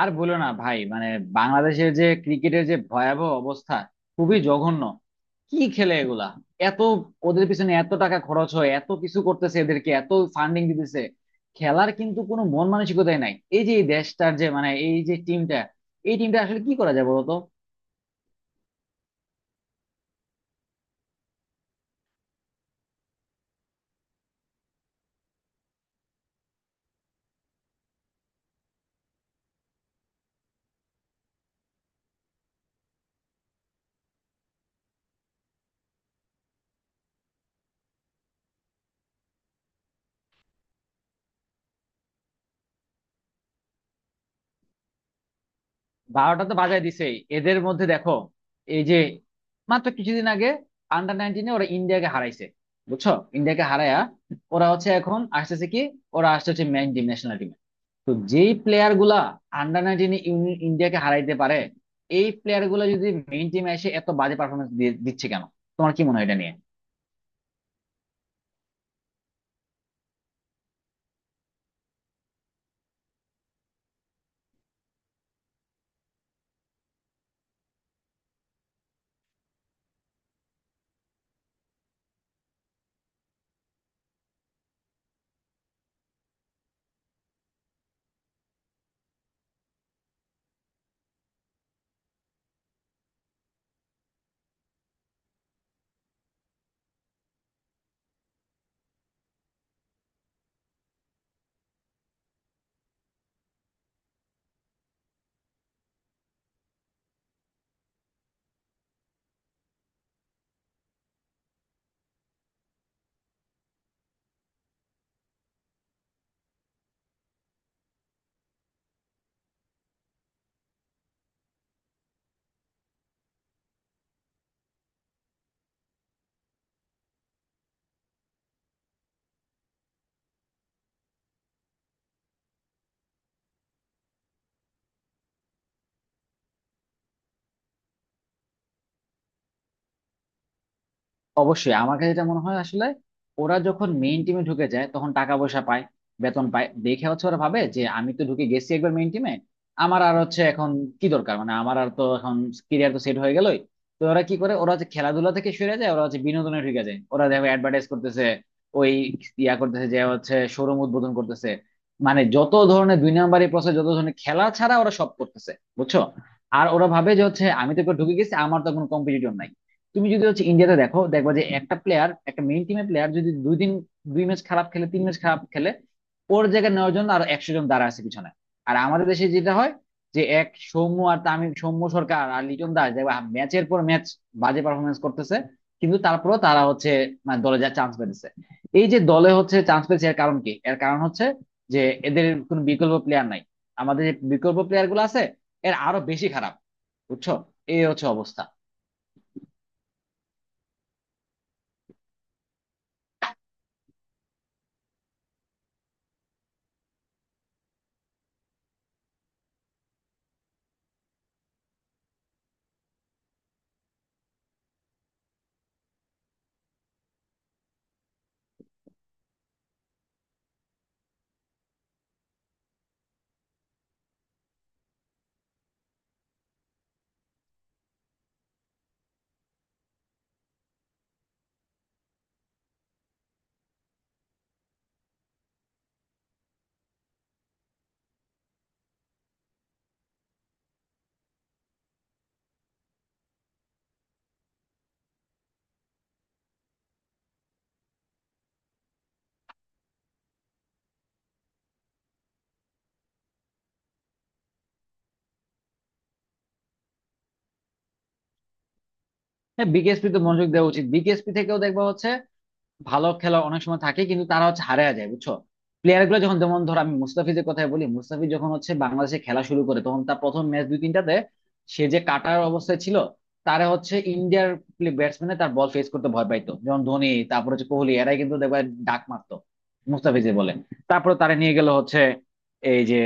আর বলো না ভাই, মানে বাংলাদেশের যে ক্রিকেটের যে ভয়াবহ অবস্থা, খুবই জঘন্য। কি খেলে এগুলা? এত, ওদের পিছনে এত টাকা খরচ হয়, এত কিছু করতেছে, এদেরকে এত ফান্ডিং দিতেছে। খেলার কিন্তু কোনো মন মানসিকতাই নাই। এই যে এই দেশটার যে, মানে এই টিমটা আসলে কি করা যায় বলতো? বারোটা তো বাজায় দিছেই। এদের মধ্যে দেখো, এই যে মাত্র কিছুদিন আগে আন্ডার 19-এ ওরা ইন্ডিয়াকে হারাইছে, বুঝছো। ইন্ডিয়াকে হারায়া ওরা হচ্ছে এখন আসতেছে কি, ওরা আসছে হচ্ছে মেইন টিম। তো যেই প্লেয়ার গুলা আন্ডার 19 ইন্ডিয়াকে হারাইতে পারে, এই প্লেয়ার গুলা যদি মেইন টিমে এসে এত বাজে পারফরমেন্স দিচ্ছে কেন? তোমার কি মনে হয় এটা নিয়ে? অবশ্যই। আমার কাছে এটা মনে হয় আসলে ওরা যখন মেইন টিমে ঢুকে যায় তখন টাকা পয়সা পায়, বেতন পায় দেখে হচ্ছে ওরা ভাবে যে আমি তো ঢুকে গেছি একবার মেইন টিমে, আমার আর হচ্ছে এখন কি দরকার, মানে আমার আর তো এখন ক্যারিয়ার তো সেট হয়ে গেলই। তো ওরা কি করে? ওরা হচ্ছে খেলাধুলা থেকে সরে যায়, ওরা হচ্ছে বিনোদনে ঢুকে যায়। ওরা দেখো অ্যাডভার্টাইজ করতেছে, ওই ইয়া করতেছে, যে হচ্ছে শোরুম উদ্বোধন করতেছে। মানে যত ধরনের দুই নাম্বারই প্রসেস, যত ধরনের খেলা ছাড়া ওরা সব করতেছে, বুঝছো। আর ওরা ভাবে যে হচ্ছে আমি তো একবার ঢুকে গেছি, আমার তো কোনো কম্পিটিটর নাই। তুমি যদি হচ্ছে ইন্ডিয়াতে দেখো, দেখবা যে একটা প্লেয়ার, একটা মেইন টিমের প্লেয়ার যদি 2 দিন, 2 ম্যাচ খারাপ খেলে, 3 ম্যাচ খারাপ খেলে, ওর জায়গায় নেওয়ার জন্য আরো 100 জন দাঁড়া আছে পিছনে। আর আমাদের দেশে যেটা হয়, যে এক সৌম্য আর তামিম, সৌম্য সরকার আর লিটন দাস, দেখবা ম্যাচের পর ম্যাচ বাজে পারফরমেন্স করতেছে কিন্তু তারপরেও তারা হচ্ছে, মানে দলে যা চান্স পেতেছে। এই যে দলে হচ্ছে চান্স পেয়েছে এর কারণ কি? এর কারণ হচ্ছে যে এদের কোনো বিকল্প প্লেয়ার নাই। আমাদের যে বিকল্প প্লেয়ার গুলো আছে এর আরো বেশি খারাপ, বুঝছো। এই হচ্ছে অবস্থা। হ্যাঁ, বিকেএসপি তে মনোযোগ দেওয়া উচিত। বিকেএসপি থেকেও দেখবা হচ্ছে ভালো খেলা অনেক সময় থাকে কিন্তু তারা হচ্ছে হারিয়ে যায়, বুঝছো। প্লেয়ার গুলো যখন, যেমন ধর আমি মুস্তাফিজের কথাই বলি, মুস্তাফিজ যখন হচ্ছে বাংলাদেশে খেলা শুরু করে তখন তার প্রথম ম্যাচ দুই তিনটাতে সে যে কাটার অবস্থায় ছিল, তারা হচ্ছে ইন্ডিয়ার ব্যাটসম্যানে তার বল ফেস করতে ভয় পাইতো, যেমন ধোনি, তারপর হচ্ছে কোহলি, এরাই কিন্তু দেখবে ডাক মারতো মুস্তাফিজে বলে। তারপর তারা নিয়ে গেল হচ্ছে এই যে,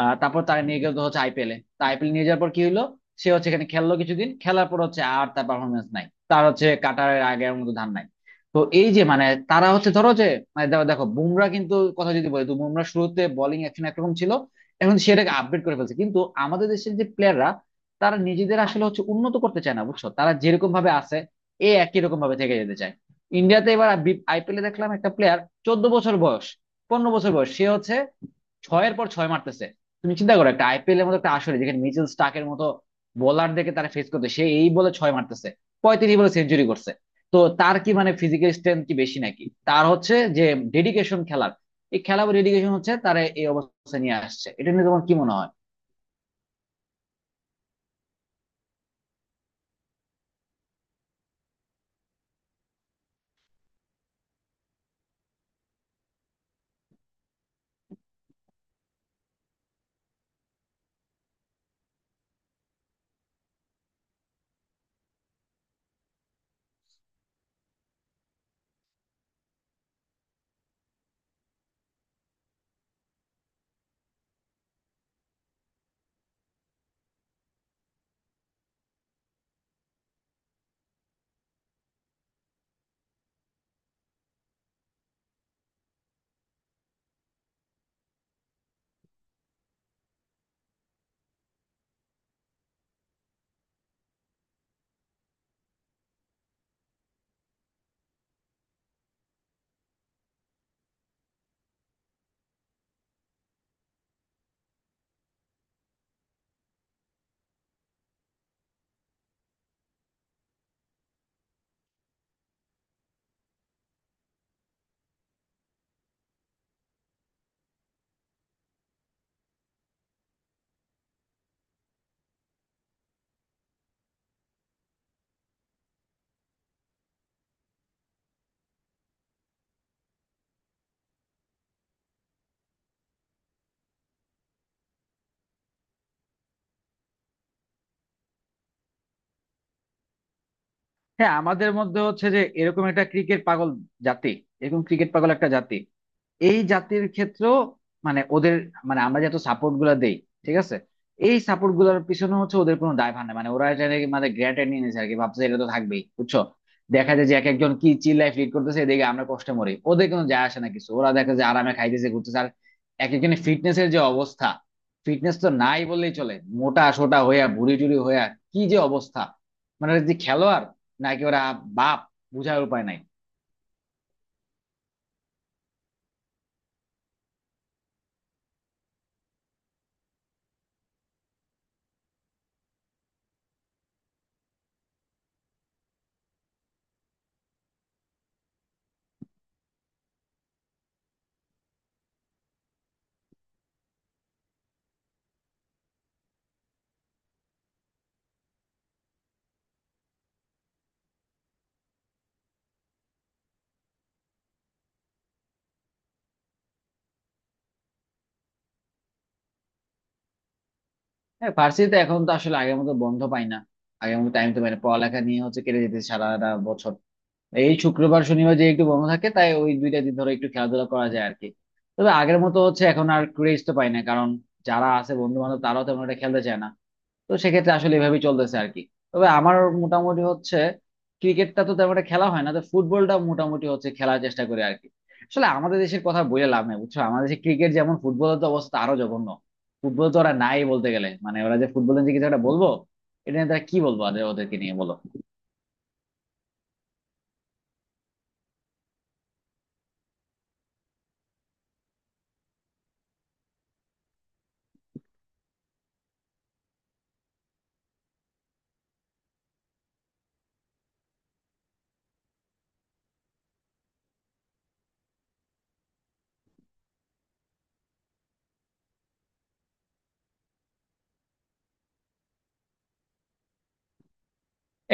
তারপর তারা নিয়ে গেল হচ্ছে আইপিএলে। তা আইপিএল নিয়ে যাওয়ার পর কি হলো? সে হচ্ছে এখানে খেললো, কিছুদিন খেলার পর হচ্ছে আর তার পারফরমেন্স নাই। তার হচ্ছে কাটারের আগের মতো ধান নাই। তো এই যে মানে তারা হচ্ছে ধরো যে, মানে দেখো দেখো বুমরা কিন্তু, কথা যদি বলি তো বুমরা শুরুতে বোলিং অ্যাকশন একরকম ছিল, এখন সেটাকে আপডেট করে ফেলছে। কিন্তু আমাদের দেশের যে প্লেয়াররা তারা নিজেদের আসলে হচ্ছে উন্নত করতে চায় না, বুঝছো। তারা যেরকম ভাবে আছে এ একই রকম ভাবে থেকে যেতে চায়। ইন্ডিয়াতে এবার আইপিএলে দেখলাম একটা প্লেয়ার, 14 বছর বয়স, 15 বছর বয়স, সে হচ্ছে ছয়ের পর ছয় মারতেছে। তুমি চিন্তা করো, একটা আইপিএল এর মতো একটা আসরে যেখানে মিচেল স্টার্কের মতো বোলারদেরকে তারা ফেস করতে, সে এই বলে ছয় মারতেছে, 35 বলে সেঞ্চুরি করছে। তো তার কি মানে ফিজিক্যাল স্ট্রেংথ কি বেশি নাকি? তার হচ্ছে যে ডেডিকেশন খেলার, এই খেলা ডেডিকেশন হচ্ছে তারা এই অবস্থা নিয়ে আসছে। এটা নিয়ে তোমার কি মনে হয়? হ্যাঁ, আমাদের মধ্যে হচ্ছে যে এরকম একটা ক্রিকেট পাগল জাতি, এরকম ক্রিকেট পাগল একটা জাতি। এই জাতির ক্ষেত্র, মানে ওদের, মানে আমরা যত সাপোর্ট গুলা দেই, ঠিক আছে, এই সাপোর্ট গুলার পিছনে হচ্ছে ওদের কোনো দায়ভার নাই। মানে ওরা এটা নাকি মানে গ্রান্টেড নিয়ে নিয়েছে আর কি, ভাবছে এটা তো থাকবেই, বুঝছো। দেখা যায় যে এক একজন কি চিল লাইফ লিড করতেছে, এদিকে আমরা কষ্টে মরি, ওদের কোনো যায় আসে না কিছু। ওরা দেখা যায় আরামে খাইতেছে, ঘুরতেছে। আর এক একজনের ফিটনেস এর যে অবস্থা, ফিটনেস তো নাই বললেই চলে, মোটা সোটা হইয়া, ভুড়ি টুড়ি হইয়া, কি যে অবস্থা। মানে যে খেলোয়াড় নাকি ওরা বাপ, বুঝার উপায় নাই। হ্যাঁ, ভার্সিটিতে এখন তো আসলে আগের মতো বন্ধ পাই না, আগের মতো টাইম তো পাই না, পড়ালেখা নিয়ে হচ্ছে কেটে যেতে সারাটা বছর। এই শুক্রবার শনিবার যে একটু বন্ধ থাকে তাই ওই 2 দিন ধরে একটু খেলাধুলা করা যায় আর কি। তবে আগের মতো হচ্ছে এখন আর ক্রেজ তো পাই না, কারণ যারা আছে বন্ধু বান্ধব তারাও তেমন একটা খেলতে চায় না। তো সেক্ষেত্রে আসলে এভাবেই চলতেছে আর কি। তবে আমার মোটামুটি হচ্ছে ক্রিকেটটা তো তেমন একটা খেলা হয় না, তো ফুটবলটা মোটামুটি হচ্ছে খেলার চেষ্টা করে আর কি। আসলে আমাদের দেশের কথা বলে লাভ নাই, বুঝছো, আমাদের দেশে ক্রিকেট যেমন, ফুটবলের তো অবস্থা আরো জঘন্য। ফুটবল তো ওরা নাই বলতে গেলে, মানে ওরা যে ফুটবলের যে কিছু একটা বলবো, এটা নিয়ে তারা কি বলবো, ওদের, ওদেরকে নিয়ে বলো।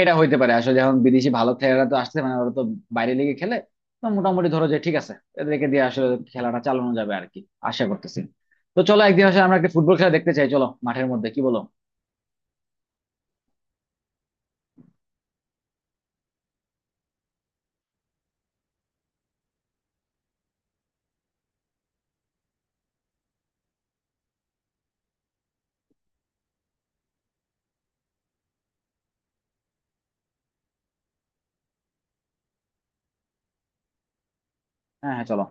এটা হইতে পারে আসলে, যখন বিদেশি ভালো খেলোয়াড়রা তো আসছে, মানে ওরা তো বাইরে লিগে খেলে, তো মোটামুটি ধরো যে ঠিক আছে, এদেরকে দিয়ে আসলে খেলাটা চালানো যাবে আর কি, আশা করতেছি। তো চলো, একদিন আসলে আমরা একটা ফুটবল খেলা দেখতে চাই, চলো মাঠের মধ্যে, কি বলো? হ্যাঁ, হ্যাঁ, চলো।